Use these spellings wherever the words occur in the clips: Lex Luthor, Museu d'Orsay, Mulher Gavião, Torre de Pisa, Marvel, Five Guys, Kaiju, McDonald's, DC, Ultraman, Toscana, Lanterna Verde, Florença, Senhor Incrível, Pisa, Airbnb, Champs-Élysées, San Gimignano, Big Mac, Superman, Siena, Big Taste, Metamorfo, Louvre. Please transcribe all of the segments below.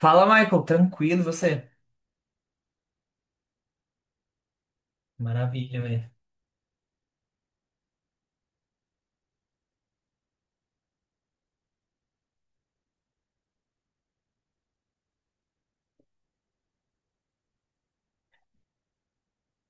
Fala, Michael, tranquilo e você? Maravilha, velho.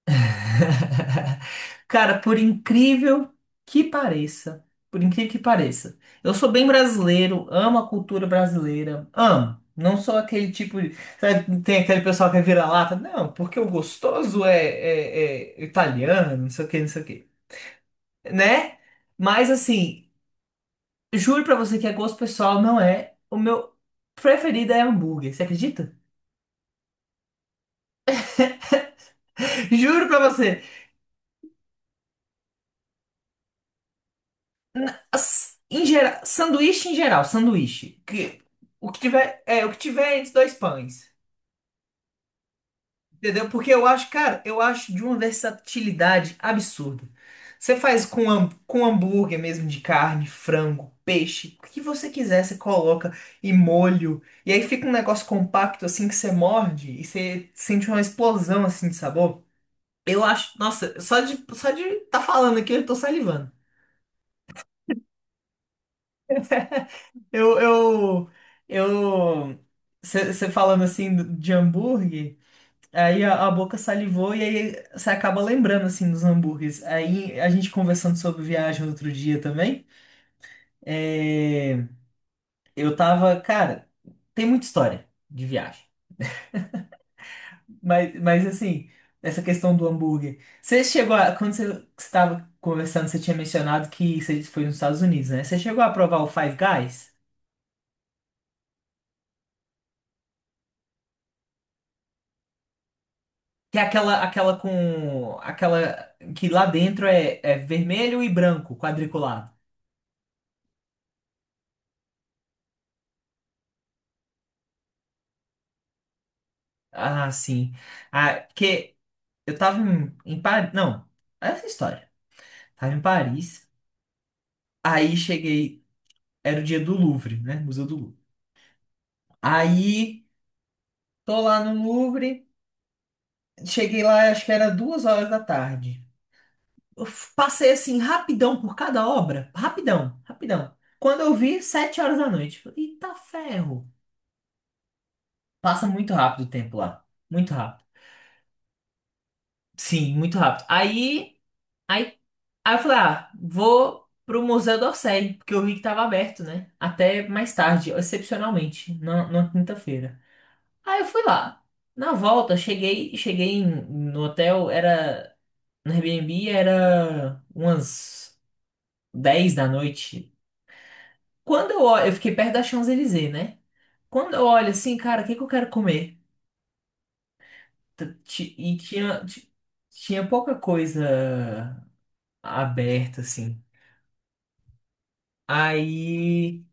Cara, que pareça, por incrível que pareça, eu sou bem brasileiro, amo a cultura brasileira, amo. Não sou aquele tipo de. Sabe, tem aquele pessoal que é vira-lata. Não, porque o gostoso é italiano, não sei o que, não sei o que. Né? Mas assim, juro pra você que é gosto pessoal, não é. O meu preferido é hambúrguer, você acredita? Juro pra você. Em geral, sanduíche em geral, sanduíche, que o que tiver, o que tiver entre dois pães. Entendeu? Porque eu acho, cara, eu acho de uma versatilidade absurda. Você faz com hambúrguer mesmo de carne, frango, peixe, o que você quiser, você coloca e molho. E aí fica um negócio compacto assim que você morde e você sente uma explosão assim de sabor. Eu acho, nossa, só de tá falando aqui eu tô salivando. Eu, eu, eu, você falando assim de hambúrguer, aí a boca salivou e aí você acaba lembrando assim dos hambúrgueres. Aí a gente conversando sobre viagem outro dia também, é, eu tava, cara, tem muita história de viagem, mas assim, essa questão do hambúrguer. Você chegou a, quando você estava conversando, você tinha mencionado que você foi nos Estados Unidos, né? Você chegou a provar o Five Guys? Que é aquela com. Aquela que lá dentro é vermelho e branco, quadriculado. Ah, sim. Ah, porque eu tava em Paris. Não, essa é a história. Tava em Paris. Aí cheguei. Era o dia do Louvre, né? Museu do Louvre. Aí tô lá no Louvre. Cheguei lá, acho que era 2 horas da tarde. Eu passei assim, rapidão por cada obra. Rapidão, rapidão. Quando eu vi, 7 horas da noite. Falei, "Eita ferro." Passa muito rápido o tempo lá. Muito rápido. Sim, muito rápido. Aí, aí, eu falei, ah, vou pro Museu d'Orsay, porque eu vi que tava aberto, né? Até mais tarde, excepcionalmente, na quinta-feira. Aí eu fui lá. Na volta, cheguei no hotel, era no Airbnb, era umas 10 da noite. Quando eu olho, eu fiquei perto da Champs-Élysées, né? Quando eu olho assim, cara, o que que eu quero comer? E tinha pouca coisa aberta, assim. Aí,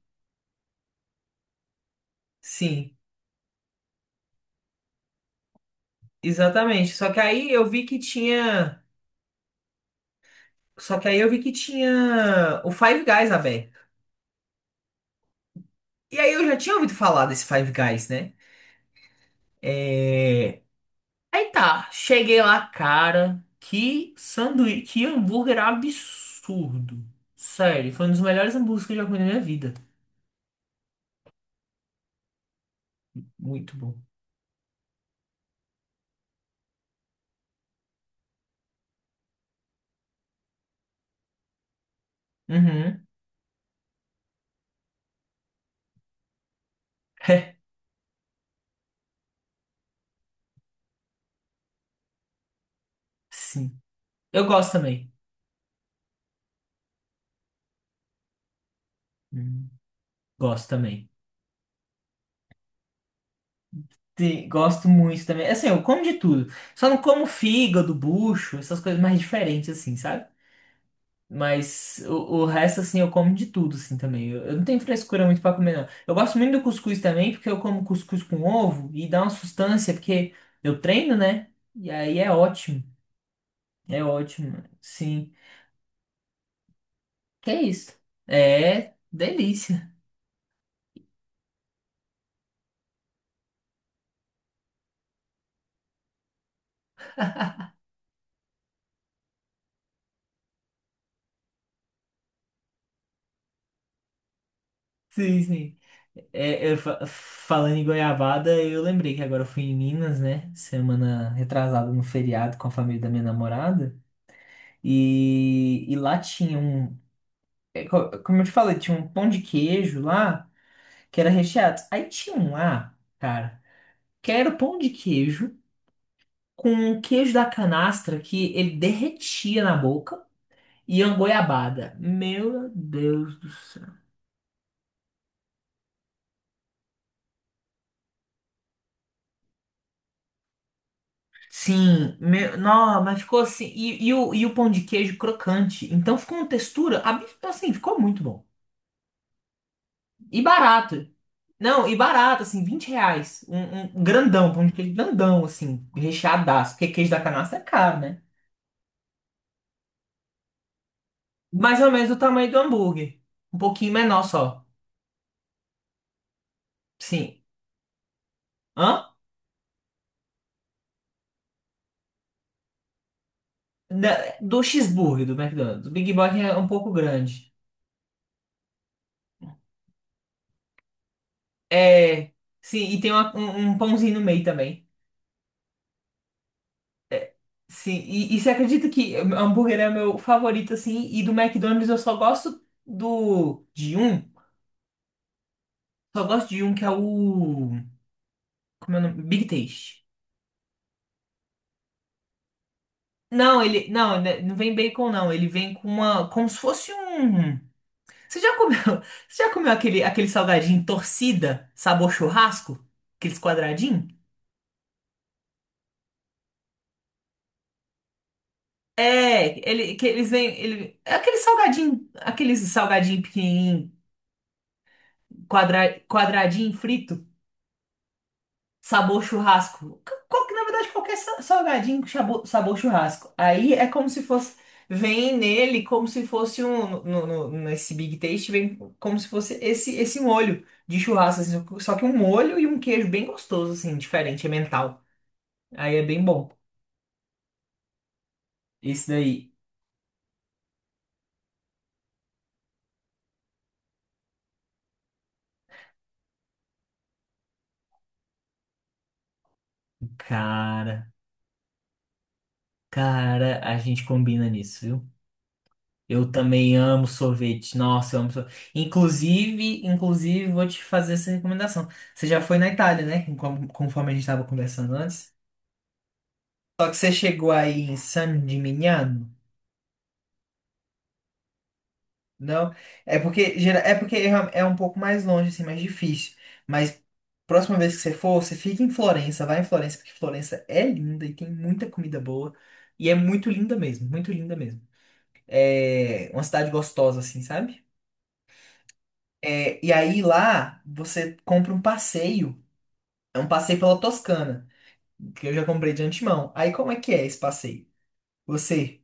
sim, exatamente. Só que aí eu vi que tinha o Five Guys aberto. E aí eu já tinha ouvido falar desse Five Guys, né? É... Aí tá, cheguei lá, cara, que sanduíche, que hambúrguer absurdo. Sério, foi um dos melhores hambúrgueres que eu já comi na minha vida. Muito bom. Uhum. Sim. Eu gosto também. Uhum. Gosto também. Gosto muito também. Assim, eu como de tudo. Só não como fígado, bucho, essas coisas mais diferentes, assim, sabe? Mas o resto, assim, eu como de tudo, assim, também. Eu não tenho frescura muito pra comer, não. Eu gosto muito do cuscuz também, porque eu como cuscuz com ovo e dá uma sustância, porque eu treino, né? E aí é ótimo. É ótimo, sim. Que é isso? É delícia. Sim, sim. Eu falando em goiabada, eu lembrei que agora eu fui em Minas, né? Semana retrasada no feriado com a família da minha namorada. E lá tinha um. Como eu te falei, tinha um pão de queijo lá que era recheado. Aí tinha um lá, cara, que era pão de queijo com um queijo da canastra que ele derretia na boca e uma goiabada. Meu Deus do céu. Sim, meu, não, mas ficou assim. E o pão de queijo crocante. Então ficou uma textura, assim, ficou muito bom. E barato. Não, e barato, assim, R$ 20. Um grandão, pão de queijo grandão, assim, recheadaço. Porque queijo da canastra é caro, né? Mais ou menos o tamanho do hambúrguer. Um pouquinho menor só. Sim. Hã? Do cheeseburger do McDonald's. O Big Mac é um pouco grande. É. Sim, e tem um pãozinho no meio também. Sim, e você acredita que hambúrguer é meu favorito, assim, e do McDonald's eu só gosto do de um, só gosto de um que é o, como é o nome? Big Taste. Não, ele, não, né, não vem bacon não, ele vem com uma, como se fosse um, você já comeu, você já comeu aquele salgadinho torcida, sabor churrasco? Aqueles quadradinhos? É, ele, que eles vêm, ele, é aquele salgadinho pequenininho, quadradinho frito. Sabor churrasco. Qual que, na verdade, qualquer salgadinho com sabor churrasco. Aí é como se fosse. Vem nele como se fosse um. Nesse Big Taste, vem como se fosse esse, molho de churrasco. Assim, só que um molho e um queijo bem gostoso, assim, diferente, é mental. Aí é bem bom. Esse daí. Cara, cara, a gente combina nisso, viu? Eu também amo sorvete. Nossa, eu amo sorvete. Inclusive, vou te fazer essa recomendação. Você já foi na Itália, né? Conforme a gente estava conversando antes. Só que você chegou aí em San Gimignano, não? É porque é um pouco mais longe, assim, mais difícil. Mas próxima vez que você for, você fica em Florença, vai em Florença, porque Florença é linda e tem muita comida boa. E é muito linda mesmo, muito linda mesmo. É uma cidade gostosa, assim, sabe? É, e aí lá você compra um passeio. É um passeio pela Toscana, que eu já comprei de antemão. Aí como é que é esse passeio? Você,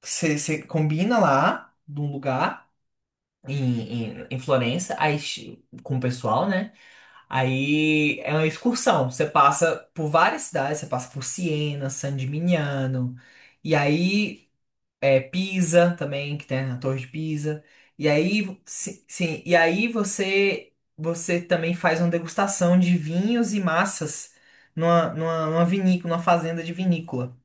você combina lá num lugar em Florença, aí com o pessoal, né? Aí é uma excursão. Você passa por várias cidades, você passa por Siena, San Gimignano, e aí Pisa também, que tem a Torre de Pisa. E aí, sim, e aí você também faz uma degustação de vinhos e massas numa vinícola, numa fazenda de vinícola.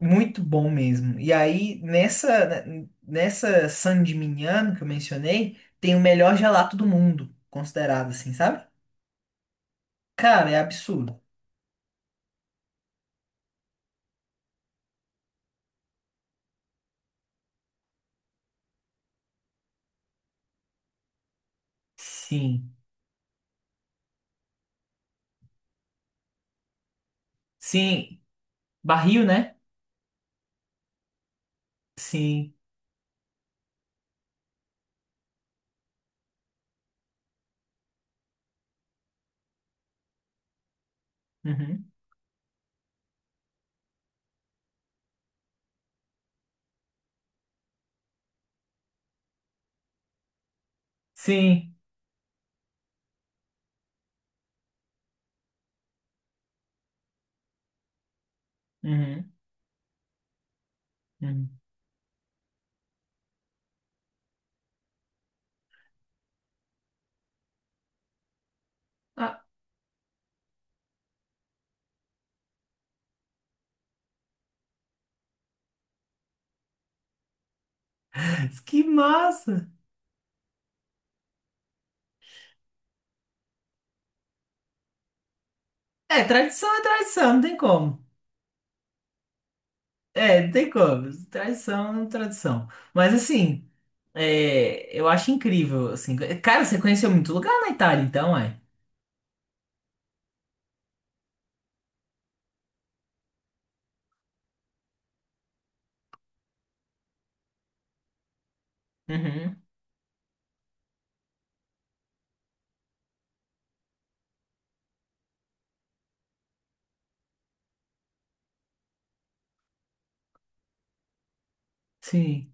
Muito bom mesmo. E aí, nessa San Gimignano que eu mencionei, tem o melhor gelato do mundo, considerado assim, sabe? Cara, é absurdo. Sim. Sim. Barril, né? Sim. Uhum. Sim. Uhum. Uhum. Ah, que massa! É tradição, não tem como. É, não tem como. Tradição é tradição. Mas assim, eu acho incrível, assim. Cara, você conheceu muito lugar na Itália, então, é? Uhum. Sim.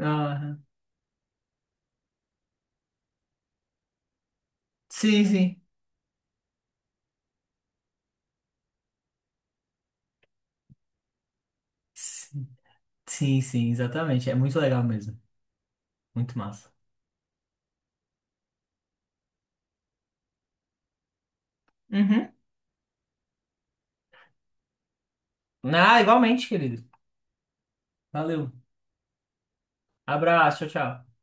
Aham. Sim, sim. Sim, sim, sim, exatamente. É muito legal mesmo. Muito massa. Uhum. Ah, igualmente, querido. Valeu. Abraço, tchau, tchau.